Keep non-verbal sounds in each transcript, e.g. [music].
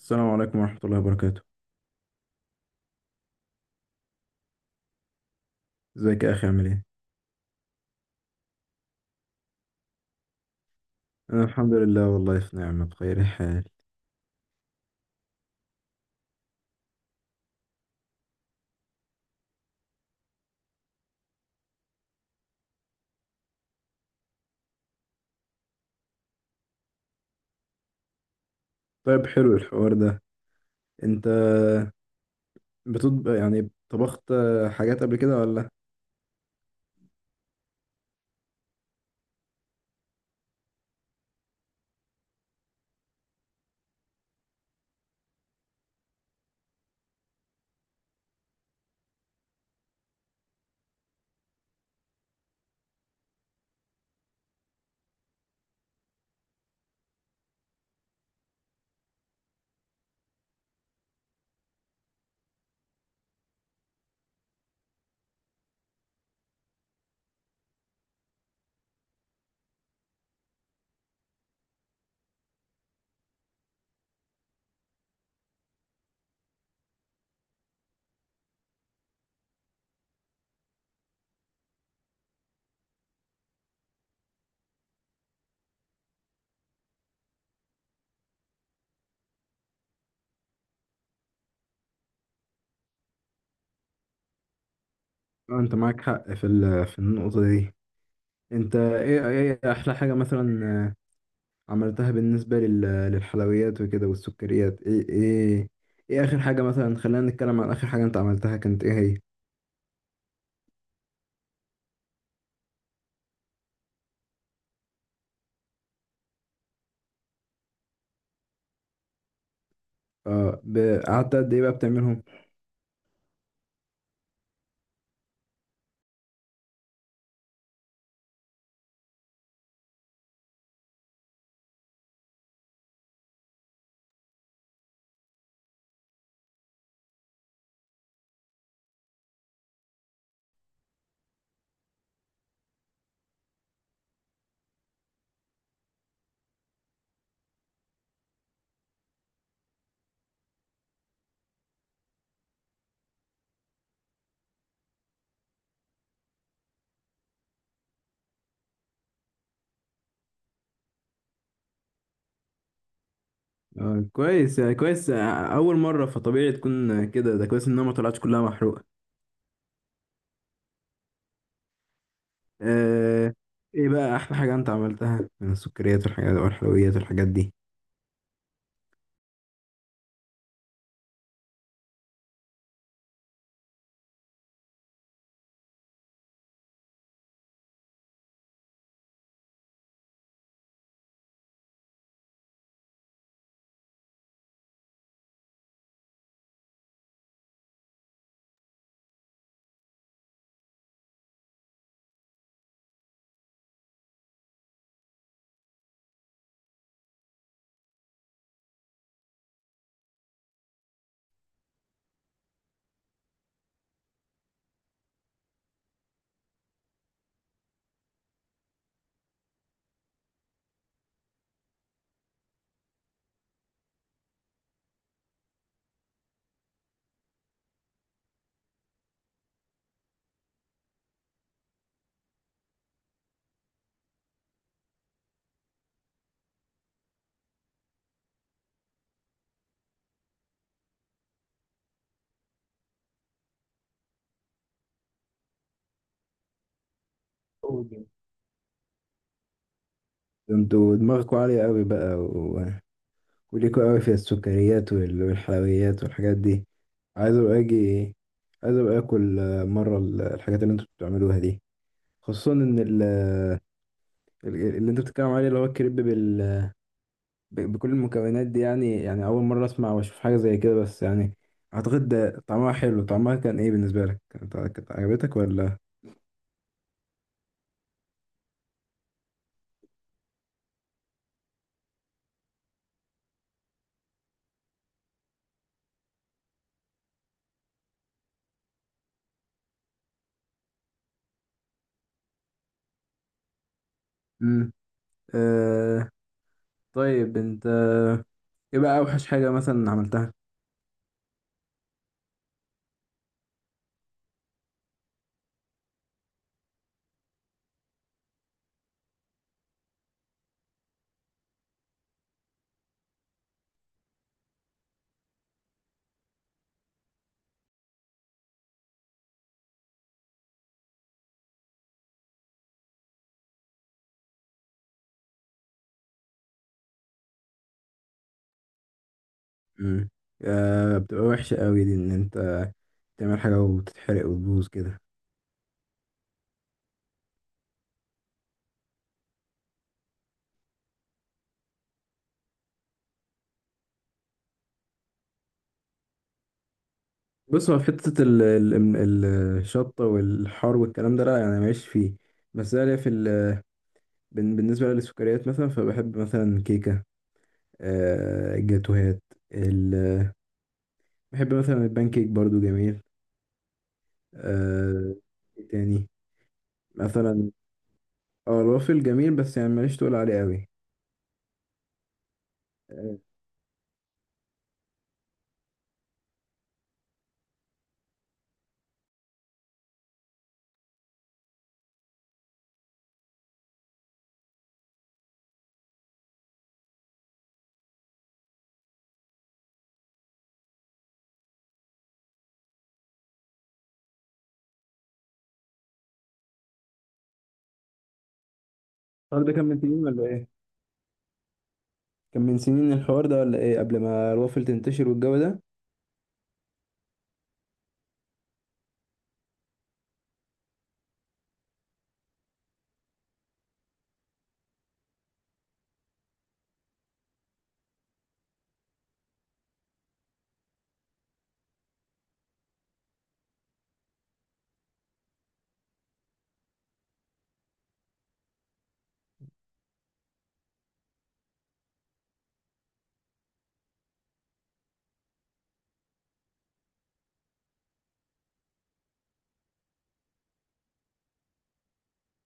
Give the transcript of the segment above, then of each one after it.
السلام عليكم ورحمة الله وبركاته. ازيك يا أخي؟ عامل ايه؟ أنا الحمد لله، والله في نعمة بخير الحال. طيب، حلو الحوار ده. انت بتطبخ؟ يعني طبخت حاجات قبل كده ولا؟ انت معاك حق في في النقطة دي. انت ايه أحلى حاجة مثلا عملتها بالنسبة للحلويات وكده والسكريات؟ ايه آخر حاجة؟ مثلا خلينا نتكلم عن آخر حاجة انت عملتها، كانت ايه هي؟ اه، قعدت قد ايه بقى بتعملهم؟ كويس يعني، كويس. أول مرة فطبيعي تكون كده. ده كويس إنها ما طلعتش كلها محروقة. آه، إيه بقى أحلى حاجة أنت عملتها من السكريات والحاجات والحلويات والحاجات دي؟ أوه، ده انتوا دماغكوا عالية قوي بقى، وليكوا قوي في السكريات والحلويات والحاجات دي. عايز ابقى اجي، عايز ابقى اكل مرة الحاجات اللي انتوا بتعملوها دي، خصوصا ان اللي انت بتتكلم عليه اللي هو الكريب بكل المكونات دي. يعني يعني أول مرة أسمع وأشوف حاجة زي كده، بس يعني أعتقد ده طعمها حلو. طعمها كان إيه بالنسبة لك؟ كانت عجبتك ولا؟ مم. آه، طيب أنت إيه بقى أوحش حاجة مثلا عملتها؟ مم. آه، بتبقى وحشة قوي دي إن أنت تعمل حاجة وتتحرق وتبوظ كده. بص، هو في حتة الشطة والحار والكلام ده لا، يعني ماليش فيه. بس أنا ليا في بالنسبة للسكريات، مثلا فبحب مثلا كيكة، جاتوهات. بحب مثلا البان كيك برضو، جميل. آه، إيه تاني مثلا؟ اه، الوافل جميل بس يعني ماليش تقول عليه قوي. آه، الحوار ده كان من سنين ولا ايه؟ كان من سنين الحوار ده ولا ايه، قبل ما الوافل تنتشر والجو ده؟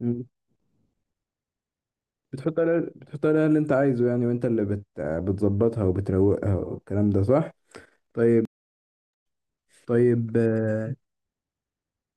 مم. بتحط عليها، بتحط عليها اللي انت عايزه يعني، وانت اللي بتظبطها وبتروقها والكلام ده، صح؟ طيب، طيب آه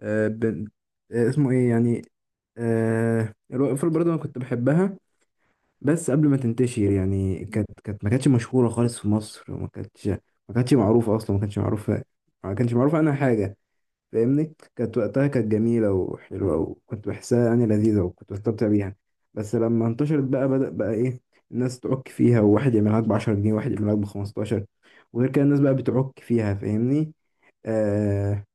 آه بن... آه اسمه ايه يعني؟ آه، الوافل برضه انا كنت بحبها بس قبل ما تنتشر. يعني كانت ما كانتش مشهورة خالص في مصر، وما كانتش معروفة أصلا، ما كانش معروفة عنها حاجة، فاهمني؟ كانت وقتها كانت جميلة وحلوة، وكنت بحسها يعني لذيذة وكنت بستمتع بيها. بس لما انتشرت بقى، بدأ بقى إيه الناس تعك فيها، وواحد يعمل لك بـ10 جنيه، وواحد يعمل لك بـ15، وغير كده الناس بقى بتعك فيها، فاهمني؟ آه،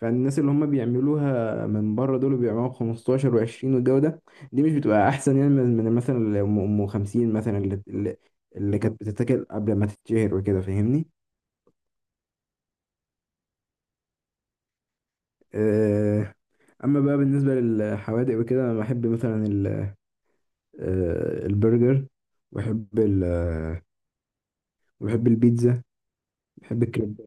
فالناس اللي هم بيعملوها من بره دول بيعملوها ب 15 و20 والجو ده، دي مش بتبقى احسن يعني من مثلا اللي ام أم 50 مثلا، اللي كانت بتتاكل قبل ما تتشهر وكده، فاهمني؟ آه، اما بقى بالنسبه للحوادق وكده، انا بحب مثلا البرجر، وبحب ال آه، وبحب البيتزا، بحب الكريب.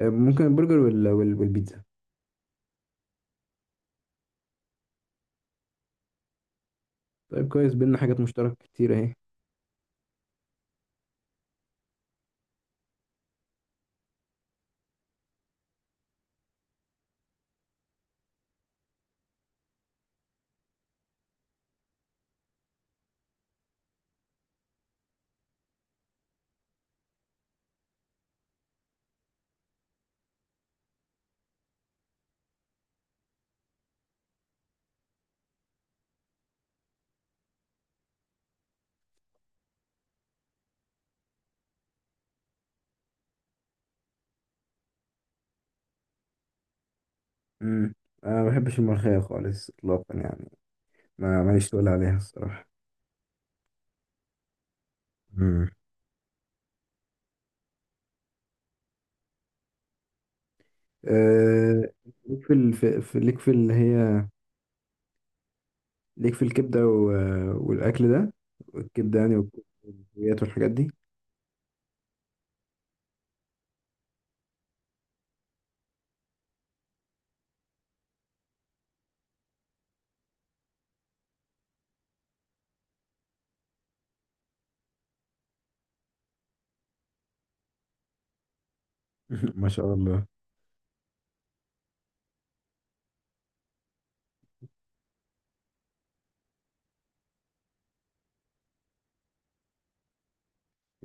ممكن البرجر والبيتزا. طيب، كويس، بينا حاجات مشتركه كتير اهي. امم، انا ما بحبش الملوخيه خالص اطلاقا يعني، ما ماليش تقول عليها الصراحه. مم. آه، ليك في ليك في اللي هي، ليك في الكبدة والأكل ده، والكبدة يعني، والكليات والحاجات دي؟ [laughs] ما شاء الله،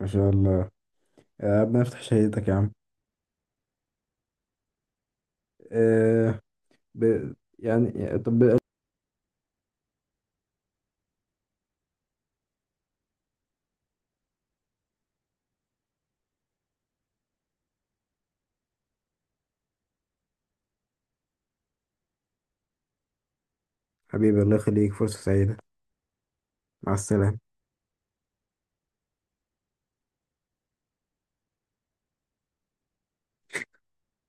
ما شاء الله، يا ربنا يفتح شهيتك يا عم. آه، ب... يعني طب، حبيبي الله يخليك، فرصة سعيدة. مع السلامة.